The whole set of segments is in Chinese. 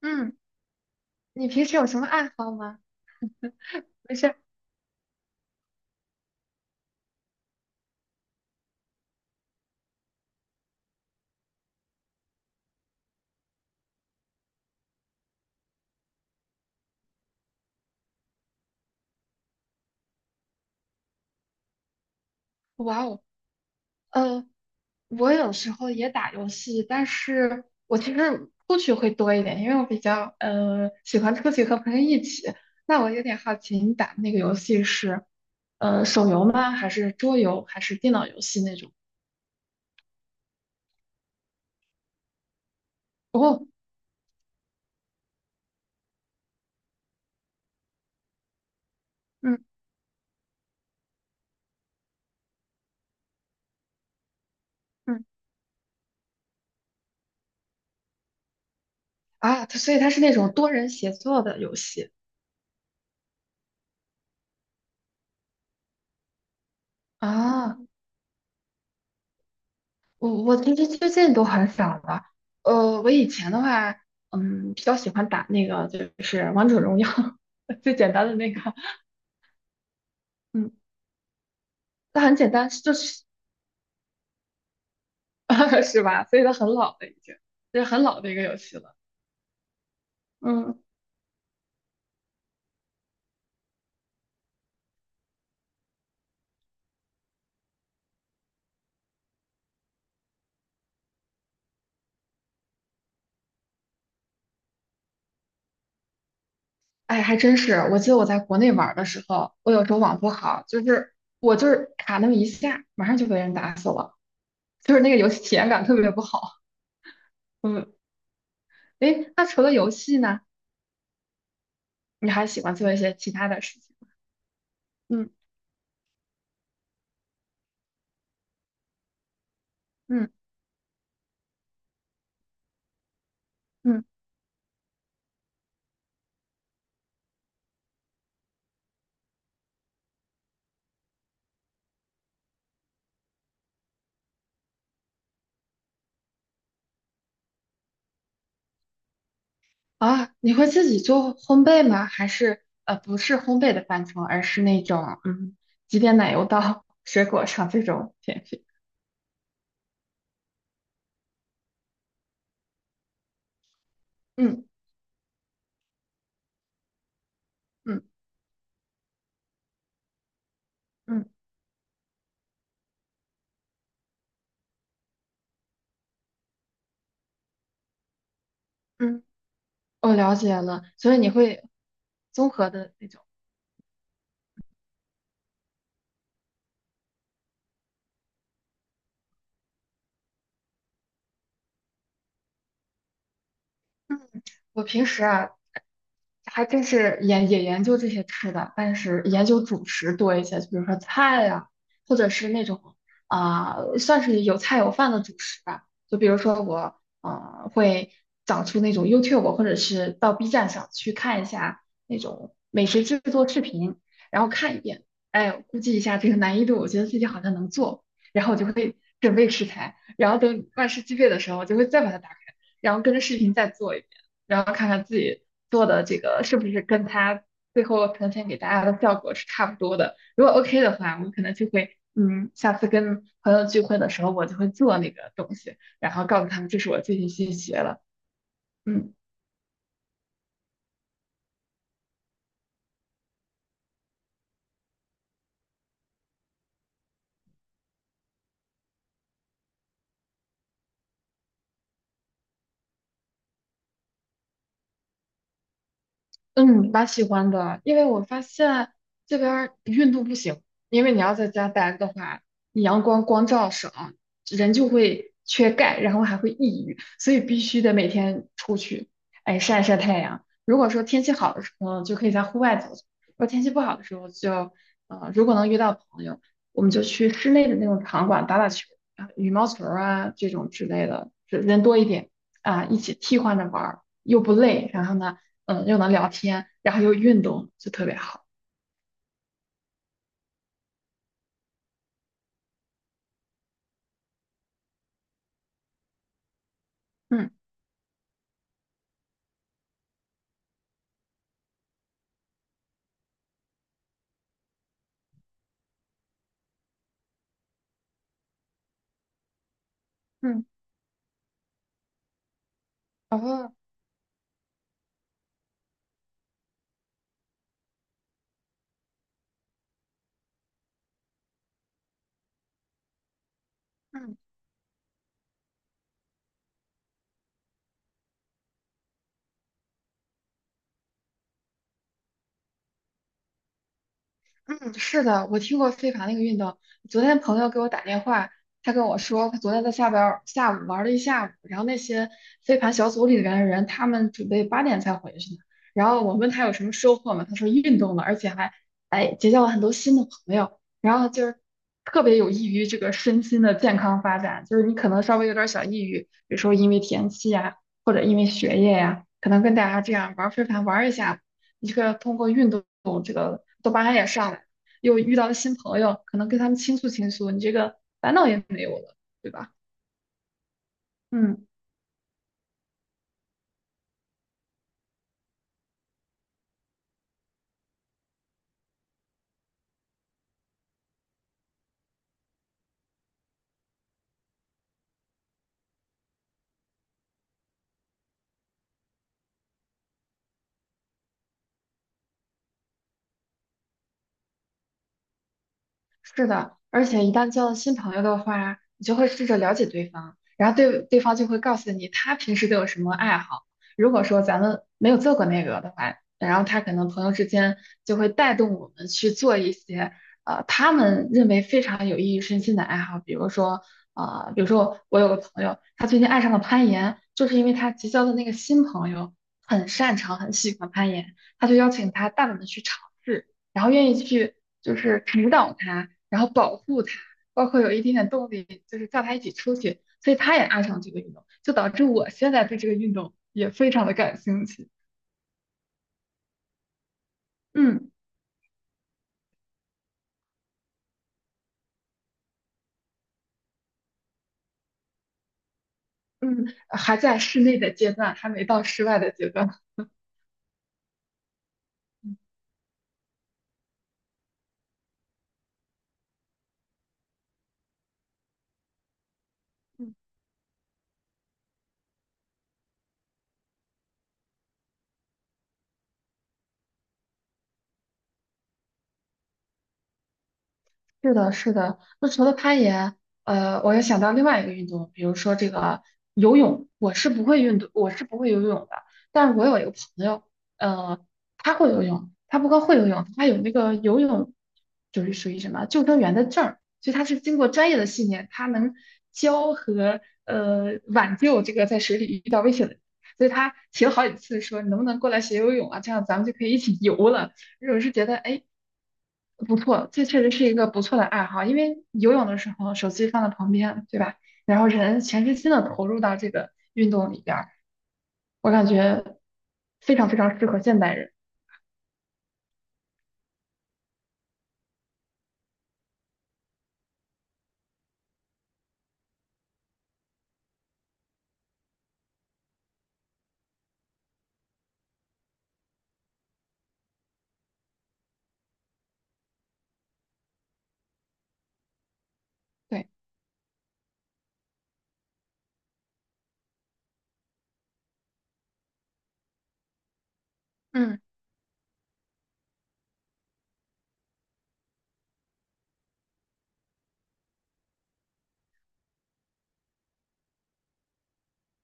嗯，你平时有什么爱好吗？没事儿，哇哦，呃，我有时候也打游戏，但是我其实出去会多一点，因为我比较喜欢出去和朋友一起。那我有点好奇，你打的那个游戏是手游吗？还是桌游？还是电脑游戏那种？哦，嗯嗯啊，所以它是那种多人协作的游戏啊。我其实最近都很少了。我以前的话，比较喜欢打那个就是王者荣耀 最简单的那个，嗯，它很简单，就是 是吧？所以它很老了已经，这是很老的一个游戏了。嗯，哎，还真是。我记得我在国内玩儿的时候，我有时候网不好，就是我就是卡那么一下，马上就被人打死了，就是那个游戏体验感特别不好。嗯，哎，那除了游戏呢，你还喜欢做一些其他的事情吗？嗯嗯。嗯啊，你会自己做烘焙吗？还是不是烘焙的范畴，而是那种挤点奶油到 水果上这种甜品？嗯嗯嗯嗯，我了解了。所以你会综合的那种。我平时啊，还真是研也研究这些吃的，但是研究主食多一些，就比如说菜呀、或者是那种啊、算是有菜有饭的主食吧。就比如说我会找出那种 YouTube 或者是到 B 站上去看一下那种美食制作视频，然后看一遍，哎，估计一下这个难易度，我觉得自己好像能做，然后我就会准备食材，然后等万事俱备的时候，我就会再把它打开，然后跟着视频再做一遍。然后看看自己做的这个是不是跟他最后呈现给大家的效果是差不多的。如果 OK 的话，我可能就会，下次跟朋友聚会的时候，我就会做那个东西，然后告诉他们这是我最近新学了。嗯。嗯，蛮喜欢的，因为我发现这边儿运动不行，因为你要在家待着的话，你阳光光照少，人就会缺钙，然后还会抑郁，所以必须得每天出去，哎，晒晒太阳。如果说天气好的时候，就可以在户外走走；如果天气不好的时候就，如果能遇到朋友，我们就去室内的那种场馆打打球，啊，羽毛球啊这种之类的，人多一点啊，一起替换着玩儿，又不累，然后呢。又能聊天，然后又运动，就特别好。嗯嗯，哦，嗯。嗯，是的，我听过飞盘那个运动。昨天朋友给我打电话，他跟我说，他昨天在下边儿下午玩了一下午，然后那些飞盘小组里边的人，他们准备8点才回去呢。然后我问他有什么收获吗？他说运动了，而且还哎结交了很多新的朋友，然后就是特别有益于这个身心的健康发展。就是你可能稍微有点儿小抑郁，比如说因为天气呀，或者因为学业呀，可能跟大家这样玩儿飞盘玩儿一下。一个通过运动这个多巴胺也上来，又遇到了新朋友，可能跟他们倾诉倾诉，你这个烦恼也没有了，对吧？嗯。是的，而且一旦交了新朋友的话，你就会试着了解对方，然后对对方就会告诉你他平时都有什么爱好。如果说咱们没有做过那个的话，然后他可能朋友之间就会带动我们去做一些他们认为非常有益于身心的爱好，比如说啊呃比如说我有个朋友，他最近爱上了攀岩，就是因为他结交的那个新朋友很擅长、很喜欢攀岩，他就邀请他大胆的去尝试。然后愿意去就是指导他，然后保护他，包括有一点点动力，就是叫他一起出去，所以他也爱上这个运动，就导致我现在对这个运动也非常的感兴趣。嗯嗯，还在室内的阶段，还没到室外的阶段。是的，是的。那除了攀岩，我又想到另外一个运动，比如说这个游泳。我是不会运动，我是不会游泳的。但是我有一个朋友，呃，他会游泳，他不光会游泳，他有那个游泳，就是属于什么救生员的证儿，所以他是经过专业的训练，他能教和挽救这个在水里遇到危险的人。所以他提了好几次说，你能不能过来学游泳啊？这样咱们就可以一起游了。我是觉得，哎。不错，这确实是一个不错的爱好，因为游泳的时候手机放在旁边，对吧？然后人全身心的投入到这个运动里边儿，我感觉非常非常适合现代人。对，嗯。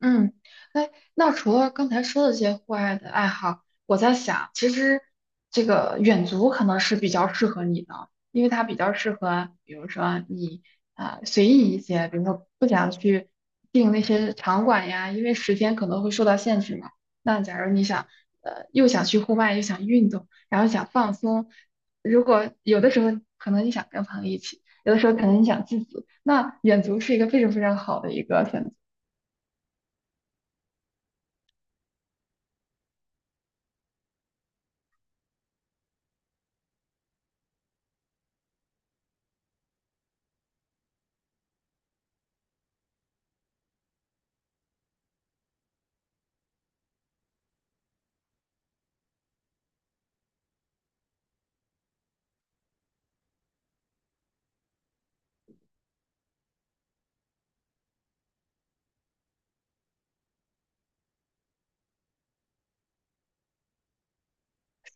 嗯，哎，那除了刚才说的这些户外的爱好，我在想，其实这个远足可能是比较适合你的，因为它比较适合，比如说你啊、随意一些，比如说不想去订那些场馆呀，因为时间可能会受到限制嘛。那假如你想，又想去户外，又想运动，然后想放松，如果有的时候可能你想跟朋友一起，有的时候可能你想自己，那远足是一个非常非常好的一个选择。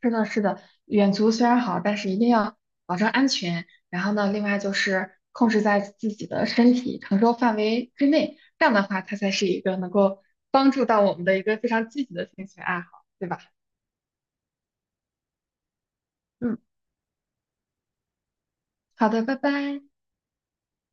是的，是的，远足虽然好，但是一定要保证安全。然后呢，另外就是控制在自己的身体承受范围之内，这样的话，它才是一个能够帮助到我们的一个非常积极的兴趣爱好，对吧？嗯，好的，拜拜。